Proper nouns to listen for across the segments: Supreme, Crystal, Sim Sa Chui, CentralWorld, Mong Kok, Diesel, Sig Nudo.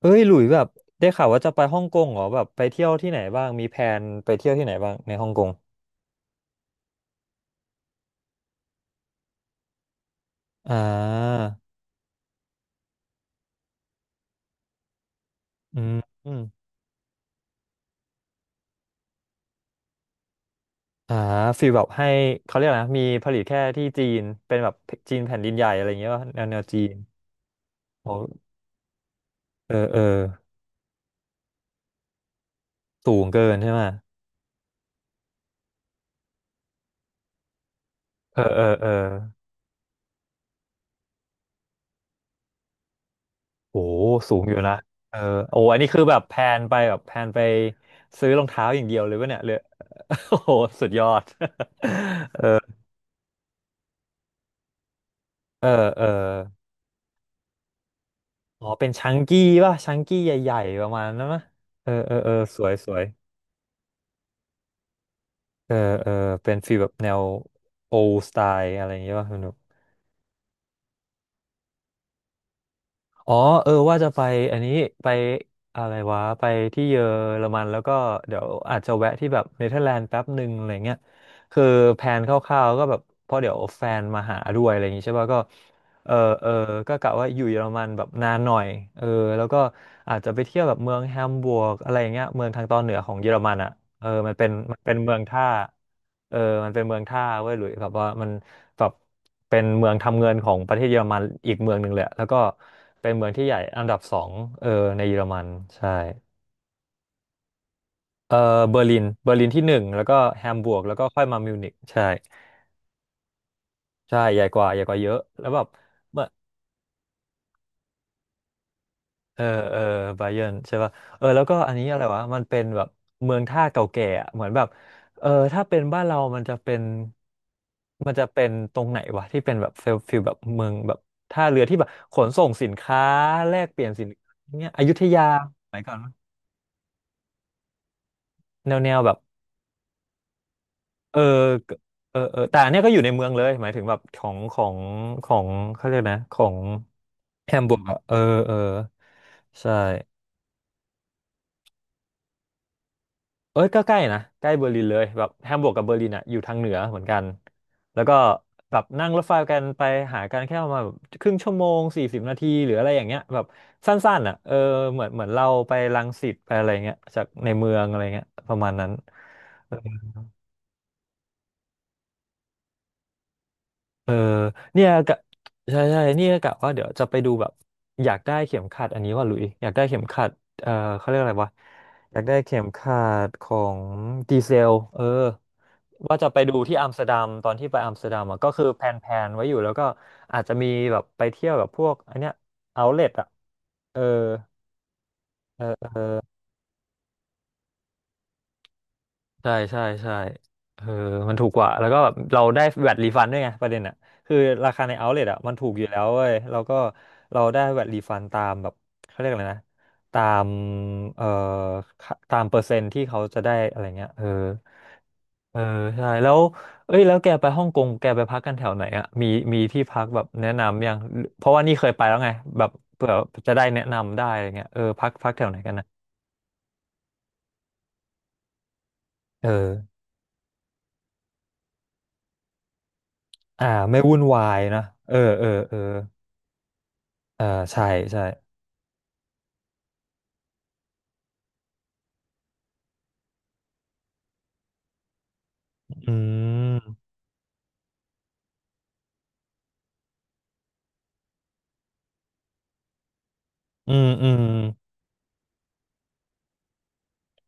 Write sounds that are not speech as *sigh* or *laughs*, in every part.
เอ้ยหลุยแบบได้ข่าวว่าจะไปฮ่องกงเหรอแบบไปเที่ยวที่ไหนบ้างมีแผนไปเที่ยวที่ไหนบ้างในฮ่องกงอ่าอืมอมอ่าฟีลแบบให้เขาเรียกอะไรนะมีผลิตแค่ที่จีนเป็นแบบจีนแผ่นดินใหญ่อะไรอย่างเงี้ยว่าแนวแนวจีนโอ้เออเออสูงเกินใช่ไหมเออเออเออโอ้สูงอยู่นะเออโอ้อันนี้คือแบบแพลนไปแบบแพลนไปซื้อรองเท้าอย่างเดียวเลยวะเนี่ยเลย *laughs* โอ้โหสุดยอด *laughs* เออเออเออ อ๋อเป็นชังกี้ป่ะชังกี้ใหญ่ๆประมาณนั้นมั้เออ เออ เออ สวยสวยเออ เออ เป็นฟีลแบบแนวโอ d สไตล์อะไรอย่างเงี้ยป่ะคุณ อ๋อเออว่าจะไปอันนี้ไปอะไรวะไปที่เยอรมันแล้วก็เดี๋ยวอาจจะแวะที่แบบเนเธอร์แลนด์แป๊บหนึ่งอะไรเงี้ยคือแผนคร่าวๆก็แบบเพราะเดี๋ยวแฟนมาหาด้วยอะไรอย่างงี้ใช่ป่ะก็เออเออก็กะว่าอยู่เยอรมันแบบนานหน่อยเออแล้วก็อาจจะไปเที่ยวแบบเมืองแฮมบวร์กอะไรอย่างเงี้ยเมืองทางตอนเหนือของเยอรมันอ่ะเออมันเป็นเมืองท่า เออมันเป็นเมืองท่าเว้ยหลุยแบบว่ามันแบบเป็นเมืองทำเงินของประเทศเยอรมันอีกเมืองหนึ่งเลยแล้วก็เป็นเมืองที่ใหญ่อันดับสองเออในเยอรมันใช่เออเบอร์ลินเบอร์ลินที่หนึ่งแล้วก็แฮมบูร์กแล้วก็ค่อยมามิวนิกใช่ใช่ใหญ่กว่าใหญ่กว่าเยอะแล้วแบบ เออเออไบเยิร์นใช่ป่ะเออแล้วก็อันนี้อะไรวะมันเป็นแบบเมืองท่าเก่าแก่อะเหมือนแบบเออถ้าเป็นบ้านเรามันจะเป็นมันจะเป็นตรงไหนวะที่เป็นแบบฟิลฟิลแบบเมืองแบบท่าเรือที่แบบขนส่งสินค้าแลกเปลี่ยนสินค้าเนี้ยอยุธยาสมัยก่อนมั้ยแนวแนวแบบเออเออเออแต่อันเนี้ยก็อยู่ในเมืองเลยหมายถึงแบบของของของเขาเรียกนะของแฮมบูร์กอะเออเออใช่ เอ้ยก็ใกล้นะใกล้เบอร์ลินเลยแบบแฮมบูร์กกับเบอร์ลินอ่ะอยู่ทางเหนือเหมือนกันแล้วก็แบบนั่งรถไฟกันไปหากันแค่ประมาณแบบครึ่งชั่วโมง40 นาทีหรืออะไรอย่างเงี้ยแบบสั้นๆอ่ะเออเหมือนเหมือนเราไปรังสิตไปอะไรเงี้ยจากในเมืองอะไรเงี้ยประมาณนั้นเออเนี่ยกะใช่ใช่เนี่ยกะว่าเดี๋ยวจะไปดูแบบอยากได้เข็มขัดอันนี้ว่าหลุยอยากได้เข็มขัดเออเขาเรียกอะไรวะอยากได้เข็มขัดของดีเซลเออ ว่าจะไปดูที่อัมสเตอร์ดัมตอนที่ไปอัมสเตอร์ดัมอะก็คือแพลนๆไว้อยู่แล้วก็อาจจะมีแบบไปเที่ยวแบบพวกอันเนี้ยเอาเลทอ่ะเออใช่ใช่ใช่เออมันถูกกว่าแล้วก็แบบเราได้แวตรีฟันด้วยไงประเด็นอ่ะคือราคาในเอาท์เลทอ่ะมันถูกอยู่แล้วเว้ยแล้วก็เราได้แวตรีฟันตามแบบเขาเรียกอะไรนะตามเอ่อค่าตามเปอร์เซ็นต์ที่เขาจะได้อะไรเงี้ยเออ เออใช่แล้วเอ้ยแล้วแกไปฮ่องกงแกไปพักกันแถวไหนอ่ะมีมีที่พักแบบแนะนำยังเพราะว่านี่เคยไปแล้วไงแบบเผื่อจะได้แนะนำได้อะไรเงี้ยเออพักพักแถวไหนกันนะเอออ่าไม่วุ่นวายนะเออเออเออเออใช่ใช่อืมอืมอืม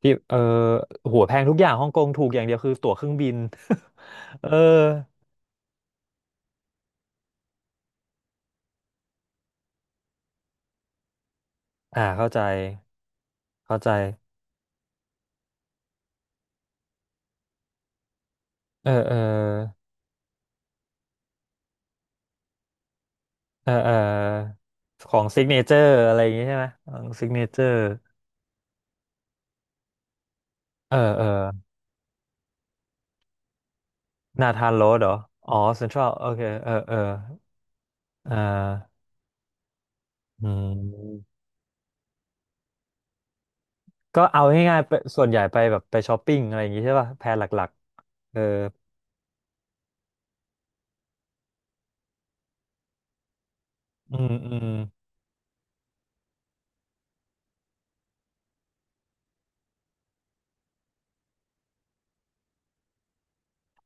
ที่เออหัวแพงทุกอย่างฮ่องกงถูกอย่างเดียวคือตั๋วเครื่องบิน *laughs* เอออ่าเข้าใจเข้าใจเออเออ เออเออของซิกเนเจอร์อะไรอย่างงี้ใช่ไหมของซิกเนเจอร์เออเออนาธานโรดเหรออ๋อเซ็นทรัลโอเคเออเออเอออืมก็เอาง่ายๆไปส่วนใหญ่ไปแบบไปช้อปปิ้งอะไรอย่างงี้ใช่ป่ะแพลนหลักๆเอออืมอืม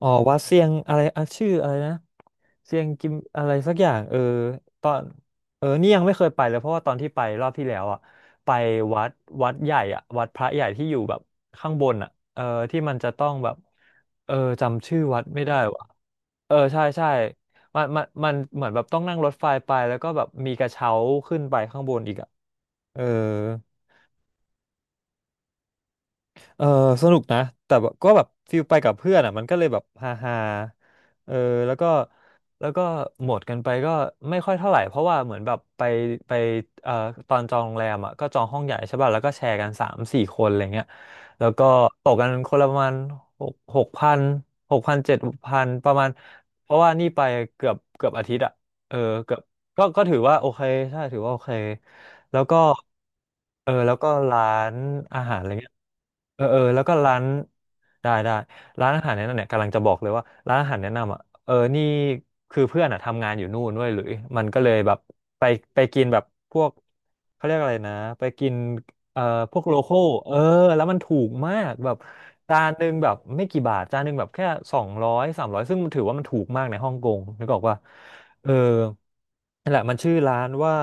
อ๋อวัดเซียงอะไรอ่ะชื่ออะไรนะเซียงกิมอะไรสักอย่างเออตอนเออนี่ยังไม่เคยไปเลยเพราะว่าตอนที่ไปรอบที่แล้วอ่ะไปวัดวัดใหญ่อ่ะวัดพระใหญ่ที่อยู่แบบข้างบนอ่ะเออที่มันจะต้องแบบเออจำชื่อวัดไม่ได้ว่ะเออใช่ใช่มันมันมันเหมือนแบบต้องนั่งรถไฟไปแล้วก็แบบมีกระเช้าขึ้นไปข้างบนอีกอ่ะเออ เออสนุกนะแต่แบบก็แบบฟิลไปกับเพื่อนอ่ะมันก็เลยแบบฮาฮาเออแล้วก็แล้วก็หมดกันไปก็ไม่ค่อยเท่าไหร่เพราะว่าเหมือนแบบไปเอ่อตอนจองโรงแรมอ่ะก็จองห้องใหญ่ใช่ป่ะแล้วก็แชร์กัน3-4 คนอะไรเงี้ยแล้วก็ตกกันคนละประมาณหกพัน6,000-7,000ประมาณเพราะว่านี่ไปเกือบอาทิตย์อ่ะเออเกือบ ก็ถือว่าโอเคใช่ถือว่าโอเคแล้วก็เออแล้วก็ร้านอาหารอะไรเงี้ยเออเออแล้วก็ร้านได้ได้ร้านอาหารแนะนำเนี่ยกำลังจะบอกเลยว่าร้านอาหารแนะนำอ่ะเออนี่คือเพื่อนอ่ะทำงานอยู่นู่นด้วยหรือมันก็เลยแบบไปไปกินแบบพวกเขาเรียกอะไรนะไปกินเอ่อพวกโลคอลเออแล้วมันถูกมากแบบจานหนึ่งแบบไม่กี่บาทจานหนึ่งแบบแค่200-300ซึ่งมันถือว่ามันถูกมากในฮ่องกงนึกออกว่า เออนั่นแหละมันชื่อร้านว่า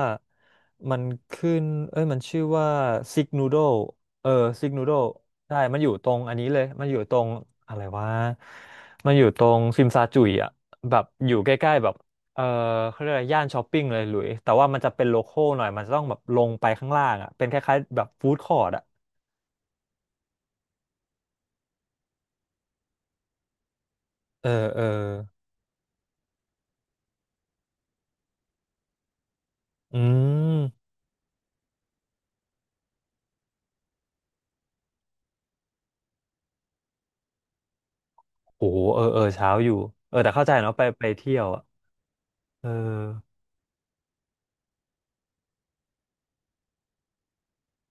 มันขึ้นเอ้ยมันชื่อว่าซิกนูโดเออซิกนูโดใช่มันอยู่ตรงอันนี้เลยมันอยู่ตรงอะไรวะมันอยู่ตรงซิมซาจุยอ่ะแบบอยู่ใกล้ๆแบบเออเขาเรียกอะไรย่านช้อปปิ้งเลยหลุยแต่ว่ามันจะเป็นโลคอลหน่อยมันจะต้องแบบลงไปข้างล่างอ่ะเป็นคล้ายๆแบบฟู้ดคอร์ทอ่ะเออเอออืมโหเออเออเช้าอยู่เออแต่เข้าใจเนาะไปเที่ยวอ่ะเออ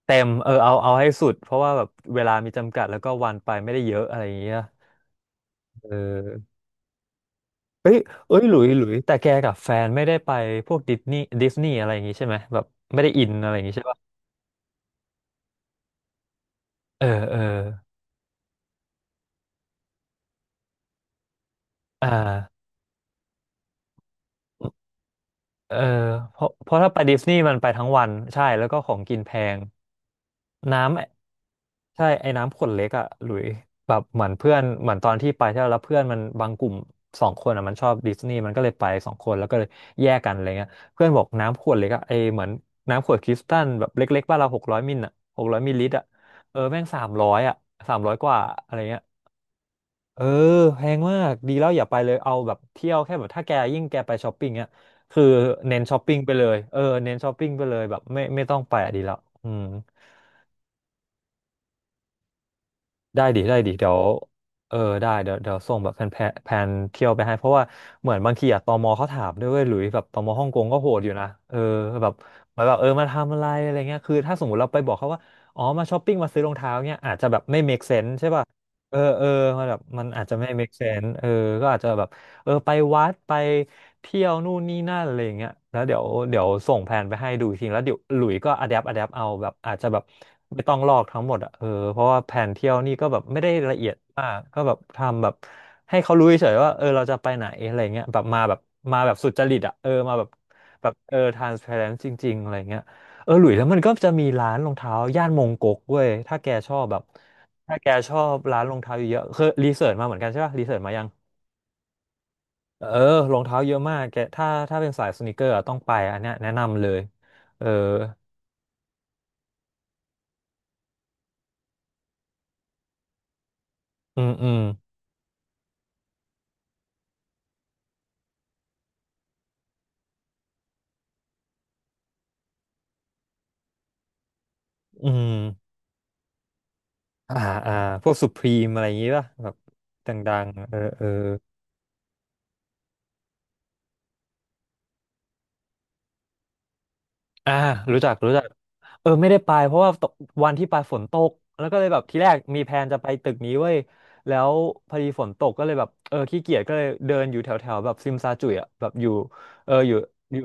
เต็มเออเอาให้สุดเพราะว่าแบบเวลามีจำกัดแล้วก็วันไปไม่ได้เยอะอะไรอย่างเงี้ยเออเอ้ยเอ้ยหลุยหลุยแต่แกกับแฟนไม่ได้ไปพวกดิสนีย์ดิสนีย์อะไรอย่างงี้ใช่ไหมแบบไม่ได้อินอะไรอย่างงี้ใช่ปะเออเอออ่าเออเพราะถ้าไปดิสนีย์มันไปทั้งวันใช่แล้วก็ของกินแพงน้ำ ใช่ไอ้น้ำขวดเล็กอะหลุยแบบเหมือนเพื่อนเหมือนตอนที่ไปเที่ยวแล้วเพื่อนมันบางกลุ่มสองคนอะมันชอบดิสนีย์มันก็เลยไปสองคนแล้วก็เลยแยกกันอะไรเงี้ยเพื่อนบอกน้ำขวดเล็กอะไอเหมือนน้ำขวดคริสตัลแบบเล็กๆบ้านเราหกร้อยมิลอะ600 มิลลิลิตรอะเออแม่งสามร้อยอะ300 กว่าอะไรเงี้ยเออแพงมากดีแล้วอย่าไปเลยเอาแบบเที่ยวแค่แบบถ้าแกยิ่งแกไปช้อปปิ้งเนี้ยคือเน้นช้อปปิ้งไปเลยเออเน้นช้อปปิ้งไปเลยแบบไม่ต้องไปอะดีแล้วอืม ได้ดิได้ดิเดี๋ยวเออได้เดี๋ยวเดี๋ยวส่งแบบแผนเที่ยวไปให้เพราะว่าเหมือนบางทีอะตมเขาถามด้วยเว้ยหลุยแบบตมฮ่องกงก็โหดอยู่นะเออแบบเหมือนแบบเออมาทำอะไรอะไรเงี้ยคือถ้าสมมติเราไปบอกเขาว่าอ๋อมาช้อปปิ้งมาซื้อรองเท้าเงี้ยอาจจะแบบไม่ make sense ใช่ป่ะเออเออมันแบบมันอาจจะไม่ make sense เออก็อาจจะแบบ เออไปวัดไปเที่ยวนู่นนี่นั่นอะไรอย่างเงี้ยแล้วเดี๋ยวเดี๋ยวส่งแผนไปให้ดูอีกทีแล้วเดี๋ยวหลุยส์ก็อะแดปอะแดปเอาแบบอาจจะแบบไม่ต้องลอกทั้งหมดอ่ะเออเพราะว่าแผนเที่ยวนี่ก็แบบไม่ได้ละเอียดมากก็แบบทำแบบให้เขารู้เฉยๆว่าเออเราจะไปไหนอะไรเงี้ยแบบมาแบบมาแบบสุจริตอ่ะเออมาแบบแบบเออ transparent จริงๆอะไรเงี้ยเออหลุยแล้วมันก็จะมีร้านรองเท้าย่านมงก๊กเว้ยถ้าแกชอบร้านรองเท้าเยอะๆคือรีเสิร์ชมาเหมือนกันใช่ป่ะรีเสิร์ชมายัง เออรองเท้าเยอะมากแกถ้าเป็นสายสนีกเกอร์อะต้องไปอันเนี้ยแนะนำเลยเอออืมอืมอืมอ่าอ่าพวกสุพรีมอะไรอย่างงี้ป่ะแบบดังๆเออเออ อ่ารู้จักรู้จักเออไม่ได้ไปเพราะว่าตกวันที่ไปฝนตกแล้วก็เลยแบบทีแรกมีแพลนจะไปตึกนี้เว้ยแล้วพอดีฝนตกก็เลยแบบเออขี้เกียจก็เลยเดินอยู่แถวแถวแบบซิมซาจุยอ่ะแบบอยู่เอออยู่อยู่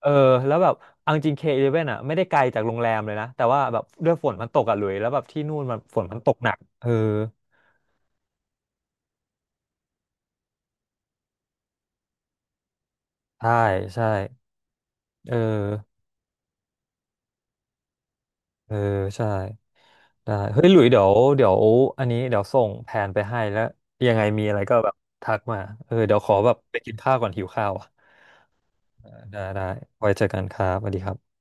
เออแล้วแบบเอาจริงK11อ่ะไม่ได้ไกลจากโรงแรมเลยนะแต่ว่าแบบด้วยฝนมันตกอ่ะหลุยแล้วแบบที่นู่นมันฝนมันตกหนักเออใช่ใช่เออเออใช่ ได้เฮ้ยหลุยเดี๋ยวเดี๋ยวอันนี้เดี๋ยวส่งแผนไปให้แล้ว ยังไงมีอะไรก็แบบทักมาเออเดี๋ยวขอแบบไปกินข้าวก่อนหิวข้าวอ่ะได้ได้ไว้เจอกันครับสวัสดีครับ